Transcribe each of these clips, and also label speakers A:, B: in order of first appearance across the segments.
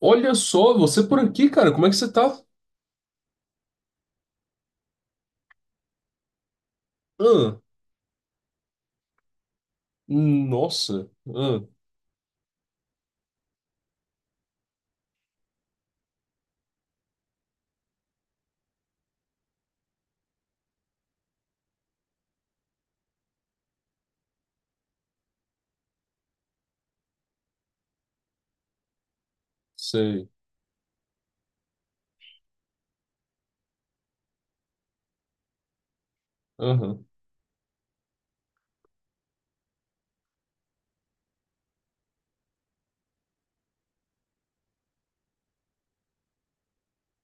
A: Olha só, você por aqui, cara, como é que você tá? Ah, nossa, ah, sei, aham.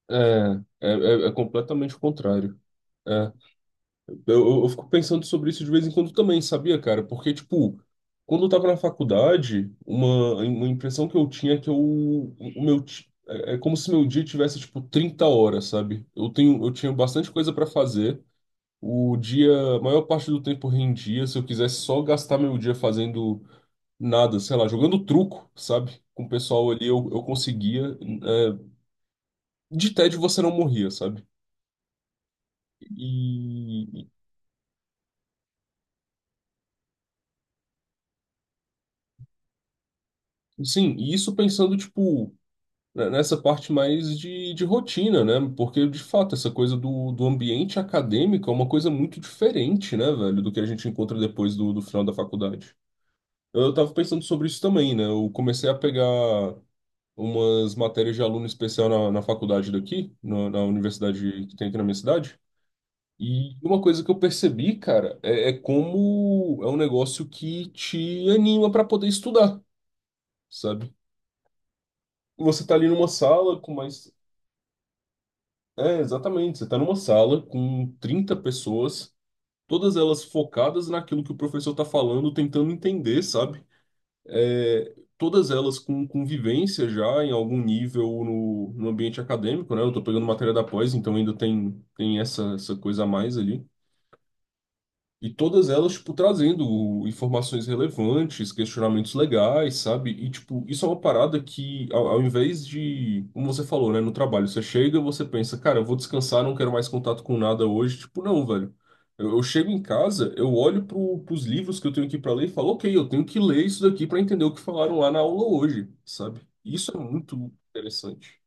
A: É, é, é, é completamente o contrário. É, eu fico pensando sobre isso de vez em quando também, sabia, cara? Porque, tipo, quando eu tava na faculdade, uma impressão que eu tinha é que eu, o meu, ti- é, é como se meu dia tivesse, tipo, 30 horas, sabe? Eu tinha bastante coisa pra fazer, o dia, a maior parte do tempo rendia, se eu quisesse só gastar meu dia fazendo nada, sei lá, jogando truco, sabe? Com o pessoal ali eu conseguia. é, de tédio você não morria, sabe? E. Sim, e isso pensando, tipo, né, nessa parte mais de rotina, né? Porque, de fato, essa coisa do ambiente acadêmico é uma coisa muito diferente, né, velho, do que a gente encontra depois do final da faculdade. Eu tava pensando sobre isso também, né? Eu comecei a pegar umas matérias de aluno especial na faculdade daqui, na universidade que tem aqui na minha cidade. E uma coisa que eu percebi, cara, é, é como é um negócio que te anima pra poder estudar, sabe? Você tá ali numa sala com mais. É, exatamente. Você tá numa sala com 30 pessoas, todas elas focadas naquilo que o professor tá falando, tentando entender, sabe? É, todas elas com convivência já em algum nível no ambiente acadêmico, né? Eu tô pegando matéria da pós, então ainda tem, essa coisa a mais ali. E todas elas, tipo, trazendo informações relevantes, questionamentos legais, sabe? E, tipo, isso é uma parada que, ao invés de, como você falou, né, no trabalho, você chega, você pensa, cara, eu vou descansar, não quero mais contato com nada hoje. Tipo, não, velho. Eu chego em casa, eu olho pro, pros livros que eu tenho aqui pra ler e falo, ok, eu tenho que ler isso daqui pra entender o que falaram lá na aula hoje, sabe? Isso é muito interessante.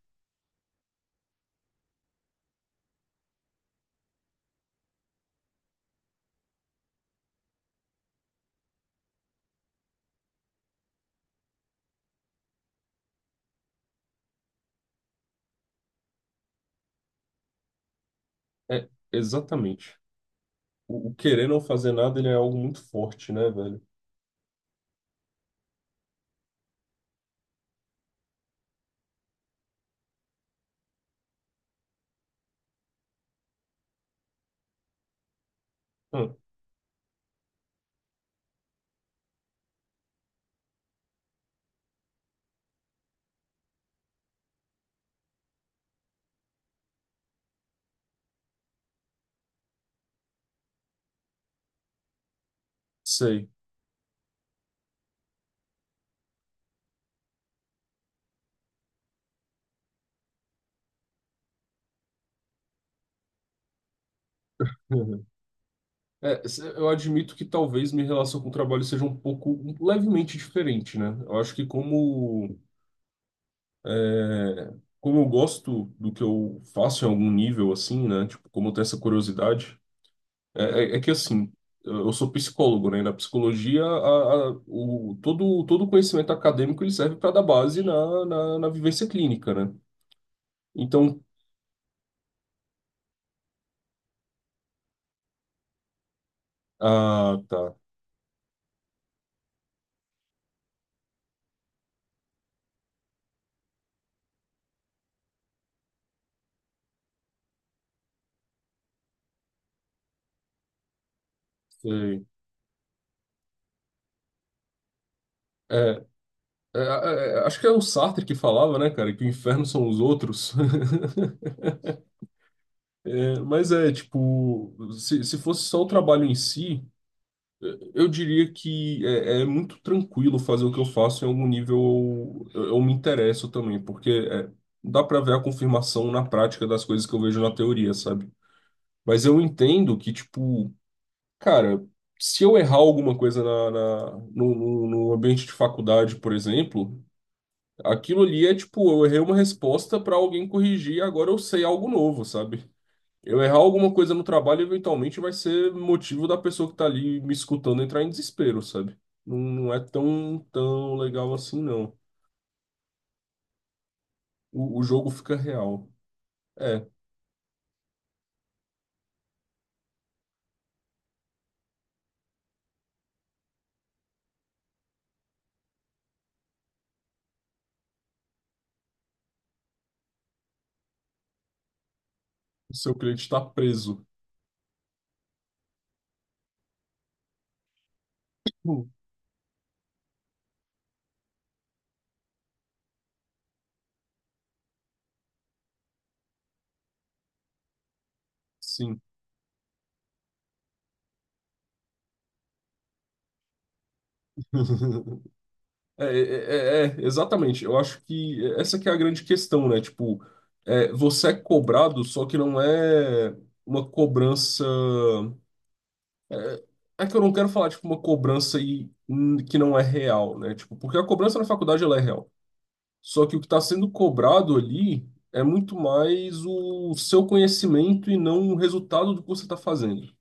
A: É, exatamente. O querer não fazer nada, ele é algo muito forte, né, velho? Hum, sei. É, se- eu admito que talvez minha relação com o trabalho seja um pouco um- levemente diferente, né? Eu acho que como é, como eu gosto do que eu faço em algum nível assim, né? Tipo, como eu tenho essa curiosidade, é, é que assim, eu sou psicólogo, né? E na psicologia, todo conhecimento acadêmico ele serve para dar base na vivência clínica, né? Então, ah, tá, sei. É, é, é, acho que é o Sartre que falava, né, cara, que o inferno são os outros. Mas é, tipo, se fosse só o trabalho em si, eu diria que é, é muito tranquilo fazer o que eu faço em algum nível eu me interesso também, porque dá pra ver a confirmação na prática das coisas que eu vejo na teoria, sabe? Mas eu entendo que, tipo, cara, se eu errar alguma coisa no ambiente de faculdade, por exemplo, aquilo ali é, tipo, eu errei uma resposta pra alguém corrigir, agora eu sei algo novo, sabe? Eu errar alguma coisa no trabalho eventualmente vai ser motivo da pessoa que tá ali me escutando entrar em desespero, sabe? Não, não é tão, tão legal assim, não. O jogo fica real. É, o seu cliente tá preso. Hum. Sim. É, é, é, é, exatamente. Eu acho que essa que é a grande questão, né? Tipo, é, você é cobrado, só que não é uma cobrança é que eu não quero falar, tipo, uma cobrança e, que não é real, né? Tipo, porque a cobrança na faculdade, ela é real. Só que o que está sendo cobrado ali é muito mais o seu conhecimento e não o resultado do que você está fazendo.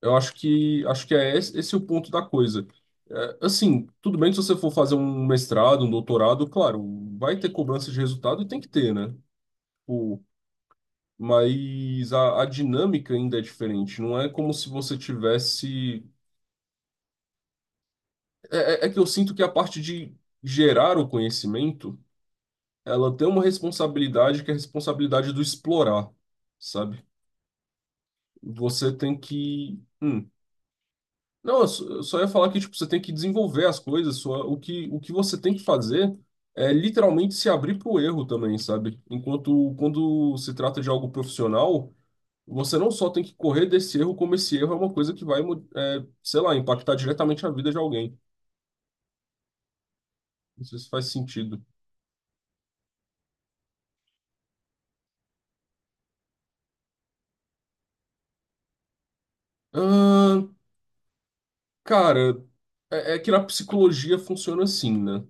A: Eu acho que é esse, esse é o ponto da coisa. É, assim, tudo bem se você for fazer um mestrado, um doutorado, claro, vai ter cobrança de resultado e tem que ter, né? O, mas a dinâmica ainda é diferente. Não é como se você tivesse. É é que eu sinto que a parte de gerar o conhecimento ela tem uma responsabilidade que é a responsabilidade do explorar, sabe? Você tem que. Hum. Não, eu só ia falar que tipo, você tem que desenvolver as coisas, o que você tem que fazer é literalmente se abrir para o erro também, sabe? Enquanto quando se trata de algo profissional, você não só tem que correr desse erro, como esse erro é uma coisa que vai, sei lá, impactar diretamente a vida de alguém. Não sei se faz sentido. Ahn, Cara, é é que na psicologia funciona assim, né?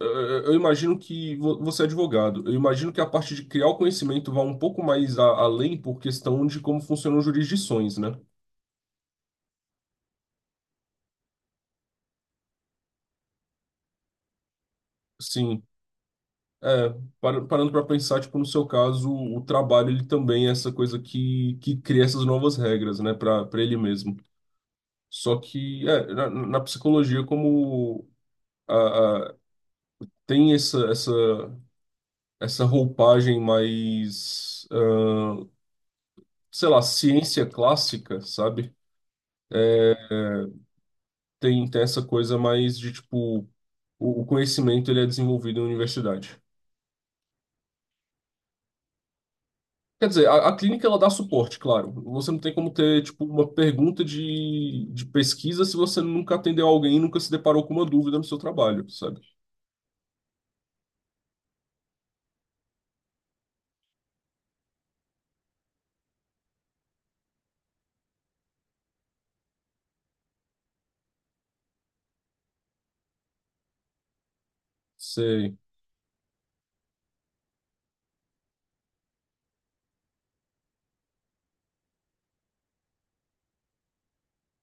A: eh, eu imagino que você é advogado. Eu imagino que a parte de criar o conhecimento vá um pouco mais além por questão de como funcionam jurisdições, né? Sim. É, para- parando para pensar, tipo, no seu caso, o trabalho ele também é essa coisa que cria essas novas regras, né, para ele mesmo. Só que é, na psicologia, como a, a- tem essa roupagem mais, sei lá, ciência clássica, sabe? Tem, tem essa coisa mais de tipo o conhecimento ele é desenvolvido na universidade. Quer dizer, a clínica ela dá suporte, claro. Você não tem como ter tipo uma pergunta de pesquisa se você nunca atendeu alguém e nunca se deparou com uma dúvida no seu trabalho, sabe? Você,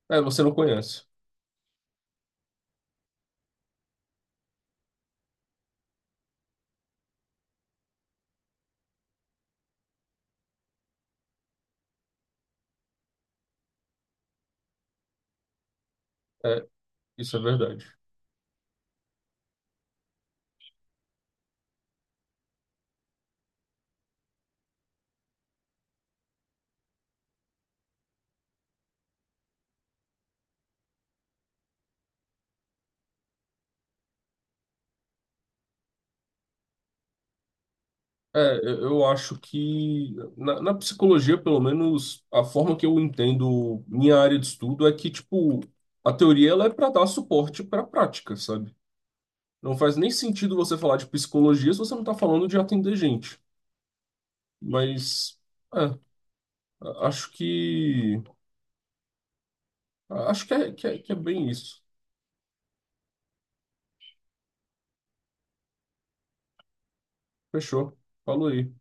A: é, você não conhece. É, isso é verdade. É, eu acho que na psicologia, pelo menos, a forma que eu entendo minha área de estudo é que, tipo, a teoria ela é para dar suporte para a prática, sabe? Não faz nem sentido você falar de psicologia se você não está falando de atender gente. Mas, é, acho que. Acho que é, que é, que é bem isso. Fechou. Falou aí.